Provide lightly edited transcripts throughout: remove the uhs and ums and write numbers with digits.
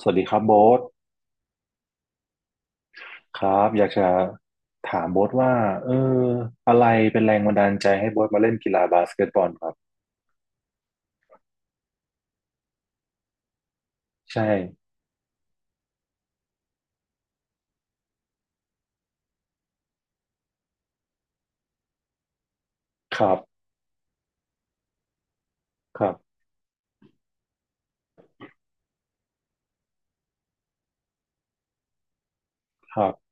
สวัสดีครับโบ๊ทครับอยากจะถามโบ๊ทว่าเอออะไรเป็นแรงบันดาลใจให้โบ๊ทมาเล่นกีฬาบาสเกตบอลครับใช่ครับครับครับ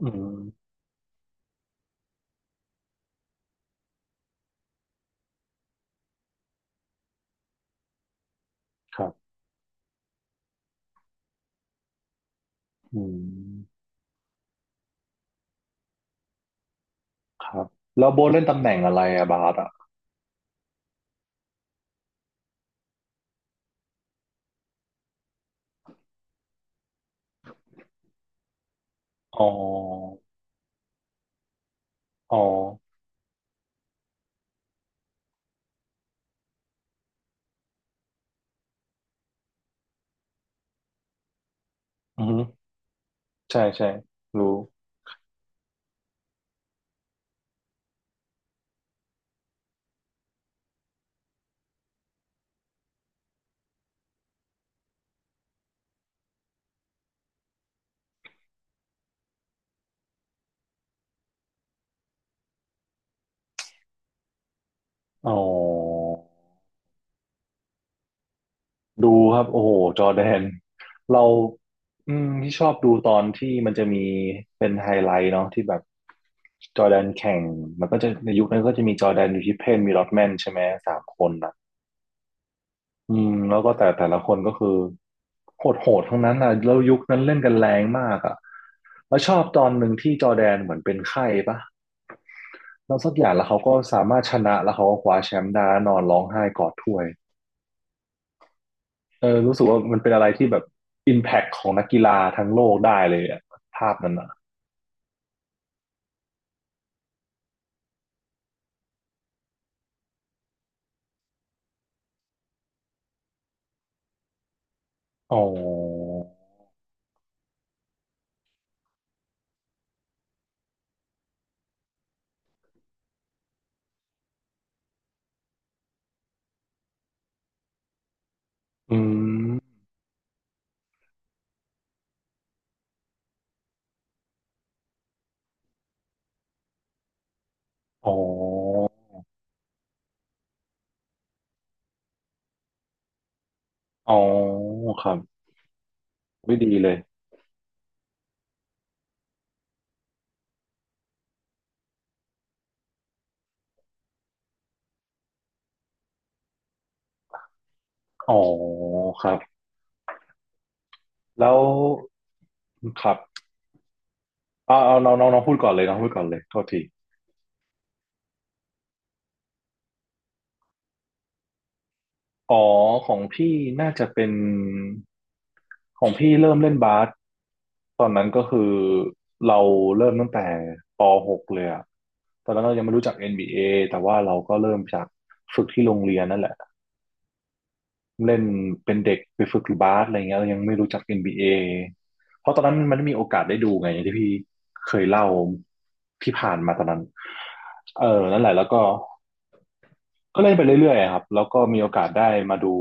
อืมครับอืมครับแล้วโบ๊ทเล่นตำแหน่งอะไรอะบาสอะอ๋ออ๋ออือฮึใช่ใช่รู้อ๋อ ดูครับโอ้โหจอร์แดนเราอืมที่ชอบดูตอนที่มันจะมีเป็นไฮไลท์เนาะที่แบบจอร์แดนแข่งมันก็จะในยุคนั้นก็จะมีจอร์แดนอยู่ที่เพนมีลอตแมนใช่ไหมสามคนอ่ะอืมแล้วก็แต่ละคนก็คือโหดโหดทั้งนั้นอ่ะแล้วยุคนั้นเล่นกันแรงมากอ่ะแล้วชอบตอนหนึ่งที่จอร์แดนเหมือนเป็นไข้ปะแล้วสักอย่างแล้วเขาก็สามารถชนะแล้วเขาก็คว้าแชมป์ได้แล้วนอนร้องไห้กอดถ้วย เออรู้สึกว่ามันเป็นอะไรที่แบบอิมแพคของนักกีฬาทั้งโลกได้เลยอะภาพนั้นอ่ะอ๋ออืมอ๋ออ๋อครับไม่ดีเลยอ๋อครับแล้วครับเอาเอาน้องน้องน้องพูดก่อนเลยน้องพูดก่อนเลยโทษทีอ๋อของพี่น่าจะเป็น ของพี่เริ่มเล่นบาสตอนนั้นก็คือเราเริ่มตั้งแต่ป .6 เลยอะตอนนั้นเรายังไม่รู้จัก NBA แต่ว่าเราก็เริ่มจากฝึกที่โรงเรียนนั่นแหละเล่นเป็นเด็กไปฝึกบาสอะไรเงี้ยเรายังไม่รู้จัก NBA เอเพราะตอนนั้นมันไม่มีโอกาสได้ดูไงอย่างที่พี่เคยเล่าที่ผ่านมาตอนนั้นเออนั่นแหละแล้วก็ ก็เล่นไปเรื่อยๆครับแล้วก็มีโอกาสได้มาดู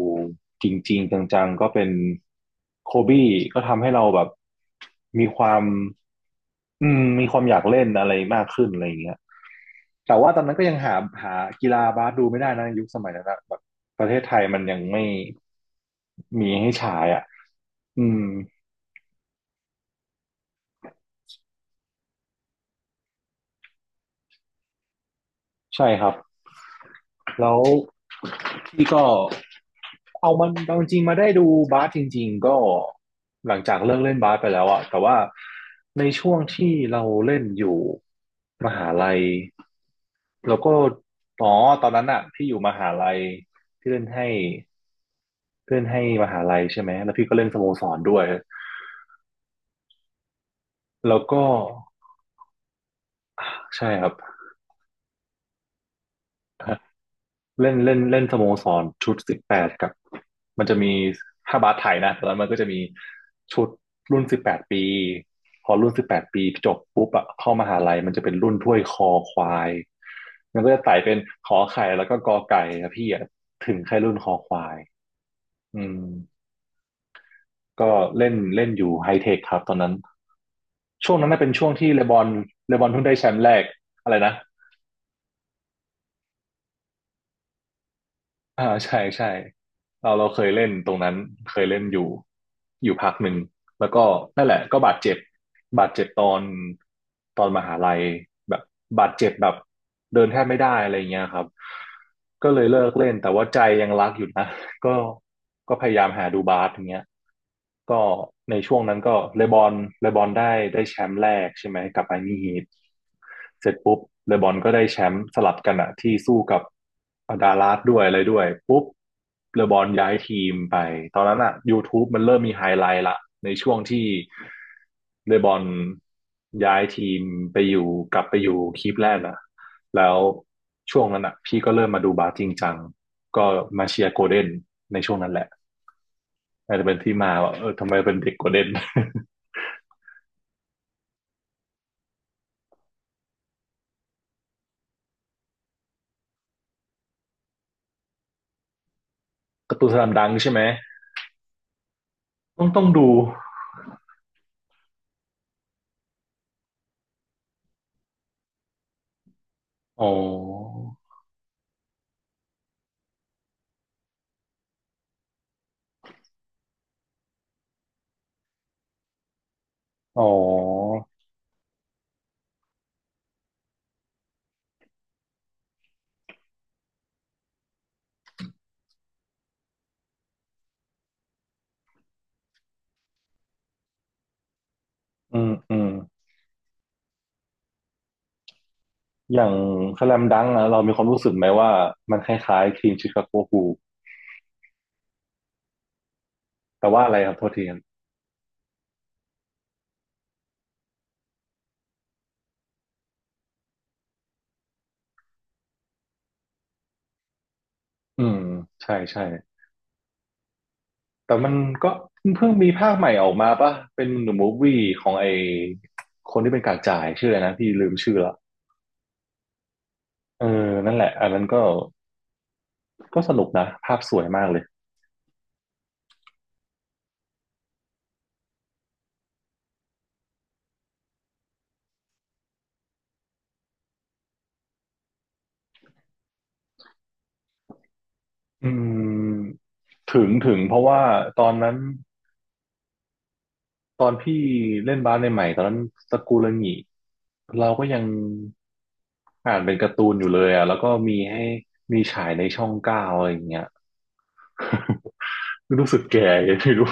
จริงๆจังๆก็เป็นโคบี้ก็ทำให้เราแบบมีความอืมมีความอยากเล่นอะไรมากขึ้นอะไรอย่างเงี้ยแต่ว่าตอนนั้นก็ยังหากีฬาบาสดูไม่ได้นะยุคสมัยนั้นนะแบบประเทศไทยมันยังไม่มีให้ฉายอ่ะอืมใช่ครับแล้ว พี่ก็เอามันเอาจริงๆมาได้ดูบาสจริงๆก็หลังจากเลิกเล่นบาสไปแล้วอะแต่ว่าในช่วงที่เราเล่นอยู่มหาลัยแล้วก็อ๋อตอนนั้นอะพี่อยู่มหาลัยพี่เล่นให้เล่นให้มหาลัยใช่ไหมแล้วพี่ก็เล่นสโมสรด้วยแล้วก็ใช่ครับ เล่นเล่นเล่นสโมสรชุดสิบแปดกับมันจะมีถ้าบาสไทยนะตอนนั้นมันก็จะมีชุดรุ่นสิบแปดปีพอรุ่นสิบแปดปีจบปุ๊บอะเข้ามหาลัยมันจะเป็นรุ่นถ้วยคอควายมันก็จะไต่เป็นขอไข่แล้วก็กอไก่นะพี่อะถึงแค่รุ่นคอควายอืมก็เล่นเล่นอยู่ไฮเทคครับตอนนั้นช่วงนั้นน่ะเป็นช่วงที่เลบอนเลบอนเพิ่งได้แชมป์แรกอะไรนะ อ่าใช่ใช่เราเคยเล่นตรงนั้นเคยเล่นอยู่อยู่พักหนึ่งแล้วก็นั่นแหละก็บาดเจ็บบาดเจ็บตอนมหาลัยแบบบาดเจ็บแบบเดินแทบไม่ได้อะไรเงี้ยครับก็เลยเลิกเล่นแต่ว่าใจยังรักอยู่นะ ก็ก็พยายามหาดูบาสอย่างเงี้ยก็ในช่วงนั้นก็เลบอนเลบอนได้แชมป์แรกใช่ไหมกับไอมี่ฮีท เสร็จปุ๊บเลบอนก็ได้แชมป์สลับกันอะที่สู้กับดาลาสด้วยอะไรด้วยปุ๊บเลบอนย้ายทีมไปตอนนั้นอะ YouTube มันเริ่มมีไฮไลท์ละในช่วงที่เลบอนย้ายทีมไปอยู่กลับไปอยู่คลิปแรกอะแล้วช่วงนั้นอะพี่ก็เริ่มมาดูบาสจริงจังก็มาเชียร์โกลเด้นในช่วงนั้นแหละอาจจะเป็นที่มาว่าเออทำไมเป็นเด็กโกลเด้น การ์ตูนสลัมดังใช่ไหมต้องดูอ๋ออ๋อ อืมอืมอย่างสแลมดังก์อะเรามีความรู้สึกไหมว่ามันคล้ายๆทีมชิคาโกบูลแต่ว่าอะไรครับโทษทีครับอืมใช่ใช่แต่มันก็เพิ่งมีภาคใหม่ออกมาป่ะเป็นหนูมูฟวี่ของไอคนที่เป็นกากจ่ายชื่ออะไรนะพี่ลืมชื่อละเออนั่นแหละอันนั้นก็ก็สนุกนะภาพสวยมากเลยอืมถึงถึงเพราะว่าตอนนั้น ตอนพี่เล่นบาสใหม่ๆตอนนั้นสกุลงิเราก็ยังอ่านเป็นการ์ตูนอยู่เลยอ่ะแล้วก็มีให้มีฉายในช่อง9อะไรอย่างเงี้ยรู้สึกแก่ยังไม่รู้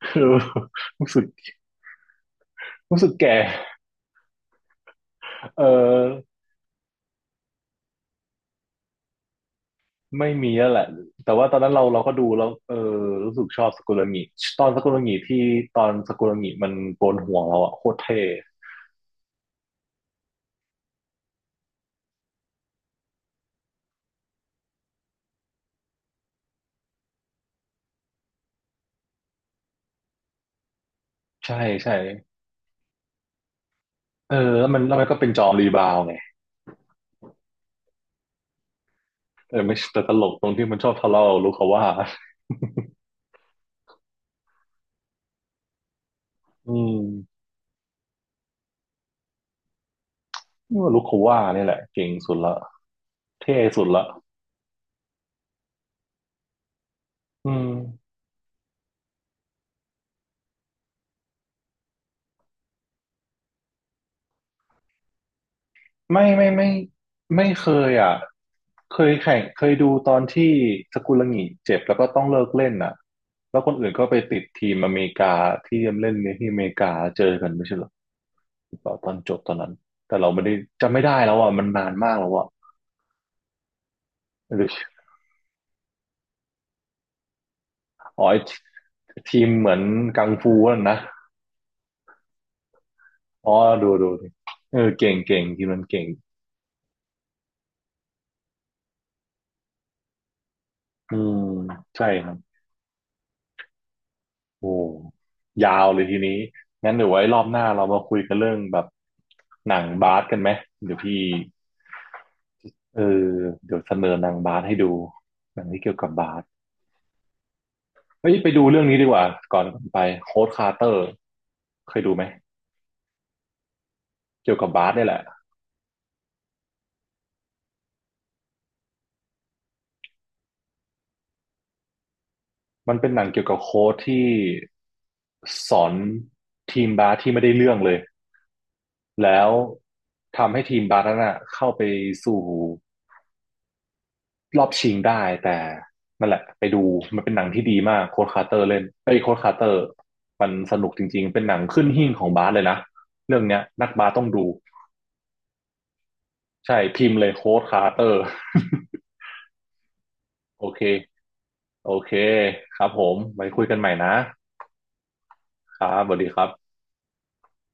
รู้สึกรู้สึกแก่เออไม่มีแล้วแหละแต่ว่าตอนนั้นเราก็ดูแล้วเออรู้สึกชอบสกุลงิตอนสกุลงิที่ตอนสกุลงิมันโกนหัวเราอ่ะโคตรเท่ใช่ใช่เออแล้วมันก็เป็นจอมรีบาวไง แต่ไม่แต่ตลกตรงที่มันชอบทะเลาะกับลูกเขาว่าอืมนี่ว่าลูกเขาว่านี่แหละเก่งสุดละเท่สุดละอืมไม่ไม่เคยอ่ะเคยแข่งเคยดูตอนที่สกุลหงิเจ็บแล้วก็ต้องเลิกเล่นอ่ะแล้วคนอื่นก็ไปติดทีมอเมริกาที่เล่นในที่อเมริกาเจอกันไม่ใช่เหรอหรือเปล่าตอนจบตอนนั้นแต่เราไม่ได้จำไม่ได้แล้วอ่ะมันนานมากแล้วอ่ะหรืออ๋อไอ้ทีมเหมือนกังฟูนั่นนะ อ๋อดูดิเออเก่งเก่งทีมมันเก่งอืมใช่ครับโอ้ยาวเลยทีนี้งั้นเดี๋ยวไว้รอบหน้าเรามาคุยกันเรื่องแบบหนังบาสกันไหมเดี๋ยวพี่เออเดี๋ยวเสนอหนังบาสให้ดูหนังที่เกี่ยวกับบาสเฮ้ยไปดูเรื่องนี้ดีกว่าก่อนไปโค้ดคาร์เตอร์เคยดูไหมเกี่ยวกับบาสเนี่ยแหละมันเป็นหนังเกี่ยวกับโค้ชที่สอนทีมบาสที่ไม่ได้เรื่องเลย แล้วทำให้ทีมบาร์นั้นอะเข้าไปสู่รอบชิงได้แต่นั่นแหละไปดูมันเป็นหนังที่ดีมากโค้ดคาร์เตอร์เล่นไอ้ยโค้ดคาร์เตอร์มันสนุกจริงๆเป็นหนังขึ้นหิ้งของบาสเลยนะเรื่องเนี้ยนักบาสต้องดูใช่พิมพ์เลยโค้ดคาร์เตอร์ โอเคโอเคครับผมไว้คุยกันใหม่นะครับสวัสดีครับ